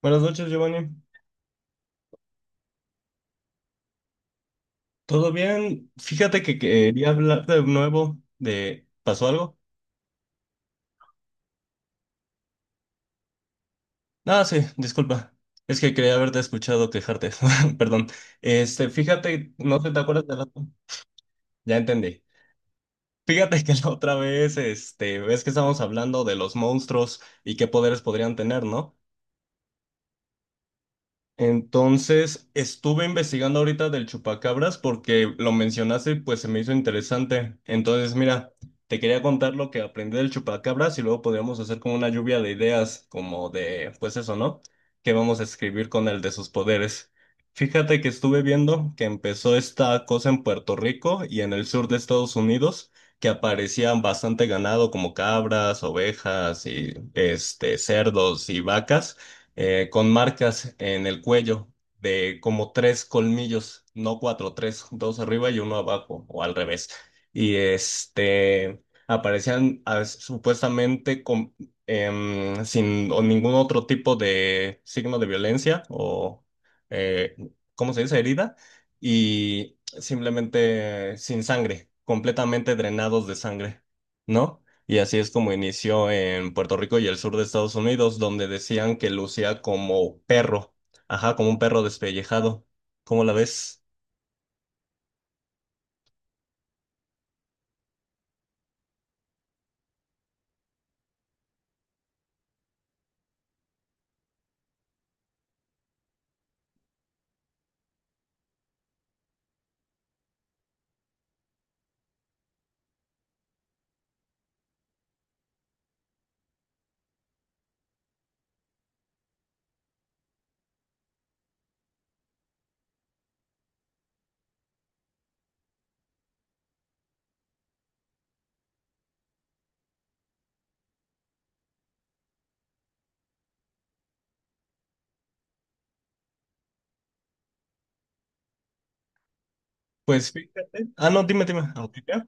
Buenas noches, Giovanni. ¿Todo bien? Fíjate que quería hablar de nuevo de... ¿Pasó algo? Ah, sí, disculpa. Es que quería haberte escuchado quejarte. Perdón. Fíjate, no sé, ¿te acuerdas de la... Ya entendí. Fíjate que la otra vez, ves que estábamos hablando de los monstruos y qué poderes podrían tener, ¿no? Entonces, estuve investigando ahorita del chupacabras porque lo mencionaste y pues se me hizo interesante. Entonces, mira, te quería contar lo que aprendí del chupacabras y luego podríamos hacer como una lluvia de ideas, como de, pues eso, ¿no? ¿Qué vamos a escribir con el de sus poderes? Fíjate que estuve viendo que empezó esta cosa en Puerto Rico y en el sur de Estados Unidos, que aparecían bastante ganado como cabras, ovejas y cerdos y vacas con marcas en el cuello de como tres colmillos, no cuatro, tres, dos arriba y uno abajo, o al revés. Y aparecían supuestamente con, sin o ningún otro tipo de signo de violencia o, eh, ¿cómo se dice? Herida. Y simplemente sin sangre, completamente drenados de sangre, ¿no? Y así es como inició en Puerto Rico y el sur de Estados Unidos, donde decían que lucía como perro, ajá, como un perro despellejado. ¿Cómo la ves? Pues fíjate. Ah, no, dime, dime. ¿Autista?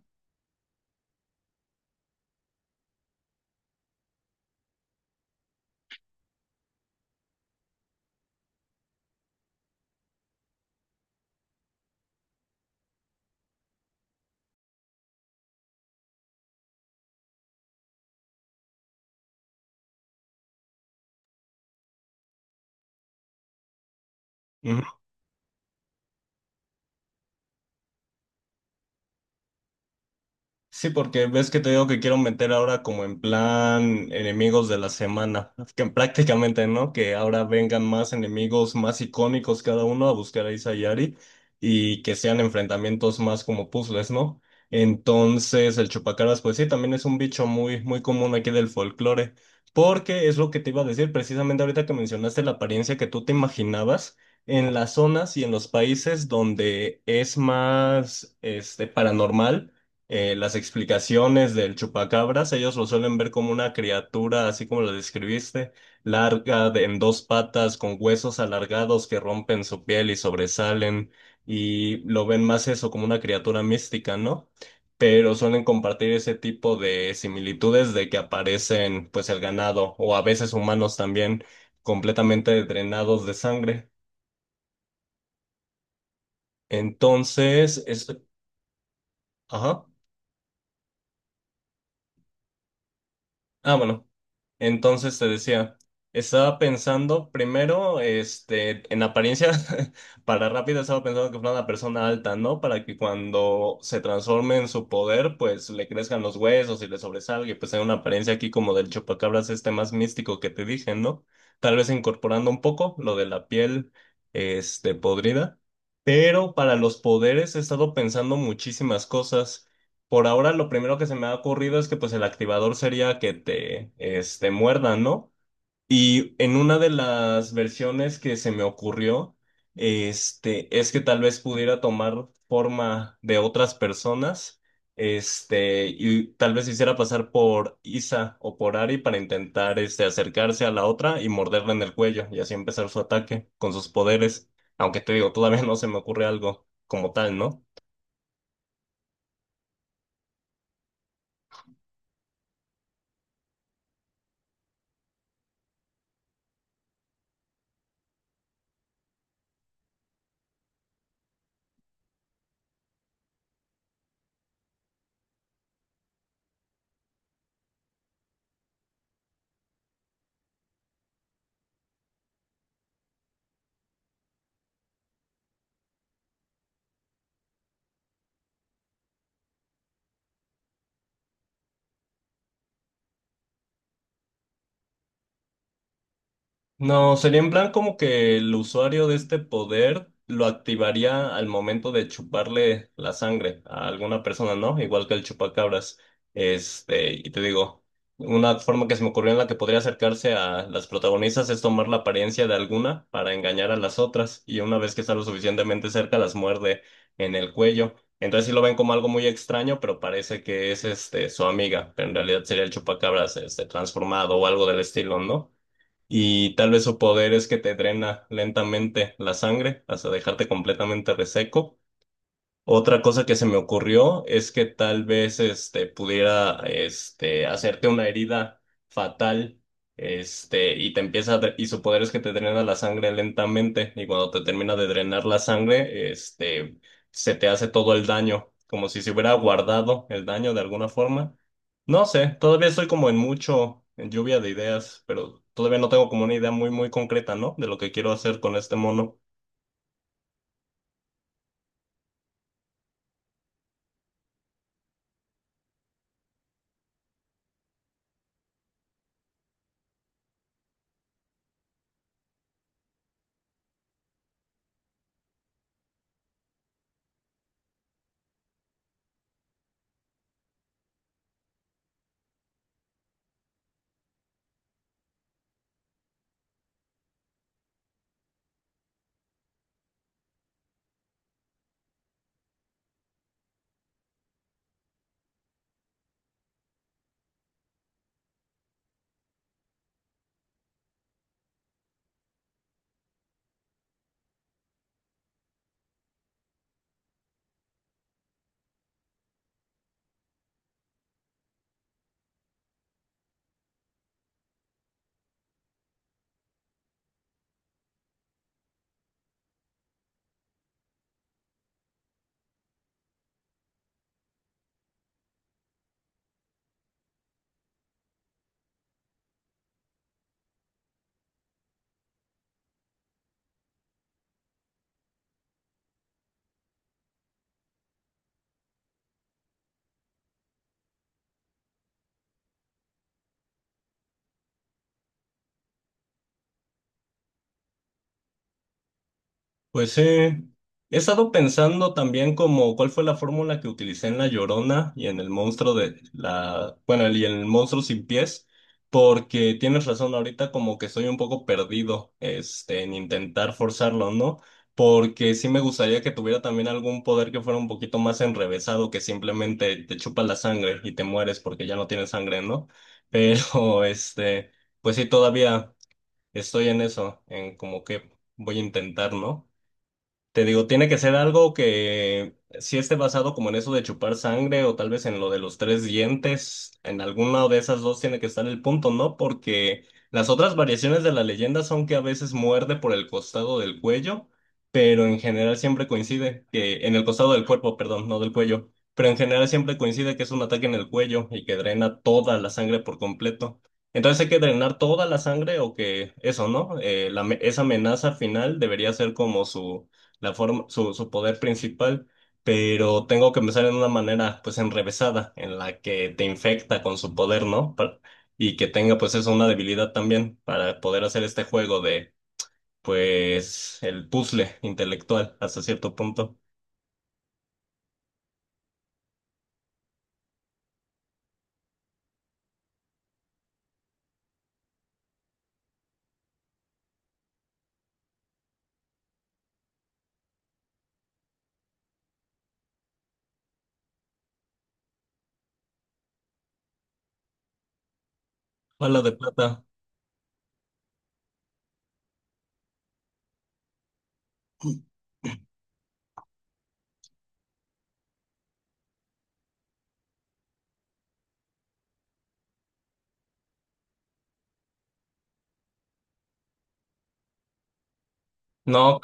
Sí, porque ves que te digo que quiero meter ahora como en plan enemigos de la semana, que prácticamente, ¿no? Que ahora vengan más enemigos más icónicos cada uno a buscar a Isayari y que sean enfrentamientos más como puzzles, ¿no? Entonces, el chupacabras, pues sí, también es un bicho muy, muy común aquí del folclore, porque es lo que te iba a decir precisamente ahorita que mencionaste la apariencia que tú te imaginabas. En las zonas y en los países donde es más paranormal, las explicaciones del chupacabras, ellos lo suelen ver como una criatura, así como lo describiste, larga, en dos patas, con huesos alargados que rompen su piel y sobresalen, y lo ven más eso como una criatura mística, ¿no? Pero suelen compartir ese tipo de similitudes de que aparecen, pues, el ganado, o a veces humanos también, completamente drenados de sangre. Entonces, es... Ajá. Ah, bueno. Entonces te decía, estaba pensando primero, en apariencia, para rápido estaba pensando que fuera una persona alta, ¿no? Para que cuando se transforme en su poder, pues le crezcan los huesos y le sobresalga, y pues hay una apariencia aquí como del chupacabras este más místico que te dije, ¿no? Tal vez incorporando un poco lo de la piel, podrida. Pero para los poderes he estado pensando muchísimas cosas. Por ahora lo primero que se me ha ocurrido es que pues el activador sería que te muerdan, ¿no? Y en una de las versiones que se me ocurrió, es que tal vez pudiera tomar forma de otras personas, y tal vez hiciera pasar por Isa o por Ari para intentar acercarse a la otra y morderla en el cuello y así empezar su ataque con sus poderes. Aunque te digo, todavía no se me ocurre algo como tal, ¿no? No, sería en plan como que el usuario de este poder lo activaría al momento de chuparle la sangre a alguna persona, ¿no? Igual que el chupacabras. Y te digo, una forma que se me ocurrió en la que podría acercarse a las protagonistas es tomar la apariencia de alguna para engañar a las otras, y una vez que está lo suficientemente cerca, las muerde en el cuello. Entonces sí lo ven como algo muy extraño, pero parece que es este su amiga, pero en realidad sería el chupacabras este transformado o algo del estilo, ¿no? Y tal vez su poder es que te drena lentamente la sangre hasta dejarte completamente reseco. Otra cosa que se me ocurrió es que tal vez pudiera hacerte una herida fatal, y te empieza a y su poder es que te drena la sangre lentamente y cuando te termina de drenar la sangre se te hace todo el daño como si se hubiera guardado el daño de alguna forma. No sé, todavía estoy como en mucho en lluvia de ideas, pero todavía no tengo como una idea muy muy concreta, ¿no? De lo que quiero hacer con este mono. Pues he estado pensando también como cuál fue la fórmula que utilicé en La Llorona y en el monstruo de la, bueno, y en el monstruo sin pies, porque tienes razón, ahorita como que estoy un poco perdido, en intentar forzarlo, ¿no? Porque sí me gustaría que tuviera también algún poder que fuera un poquito más enrevesado, que simplemente te chupa la sangre y te mueres porque ya no tienes sangre, ¿no? Pero, pues sí, todavía estoy en eso, en como que voy a intentar, ¿no? Te digo, tiene que ser algo que sí esté basado como en eso de chupar sangre o tal vez en lo de los tres dientes. En alguna de esas dos tiene que estar el punto, ¿no? Porque las otras variaciones de la leyenda son que a veces muerde por el costado del cuello, pero en general siempre coincide que en el costado del cuerpo, perdón, no del cuello, pero en general siempre coincide que es un ataque en el cuello y que drena toda la sangre por completo. Entonces hay que drenar toda la sangre o que eso, ¿no? Esa amenaza final debería ser como su la forma, su poder principal, pero tengo que empezar en una manera pues enrevesada, en la que te infecta con su poder, ¿no? Y que tenga pues eso una debilidad también para poder hacer este juego de pues el puzzle intelectual hasta cierto punto. Bala de plata. No,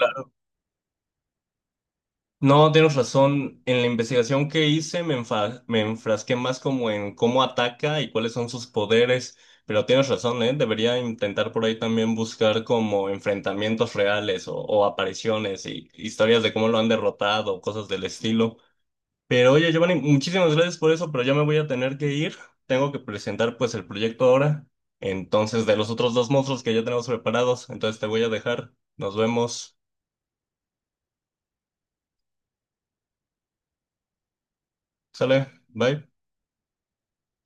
No, tienes razón. En la investigación que hice me me enfrasqué más como en cómo ataca y cuáles son sus poderes, pero tienes razón, ¿eh? Debería intentar por ahí también buscar como enfrentamientos reales o apariciones y historias de cómo lo han derrotado, cosas del estilo. Pero oye, Giovanni, muchísimas gracias por eso, pero ya me voy a tener que ir. Tengo que presentar pues el proyecto ahora. Entonces, de los otros dos monstruos que ya tenemos preparados, entonces te voy a dejar. Nos vemos. Sale, bye.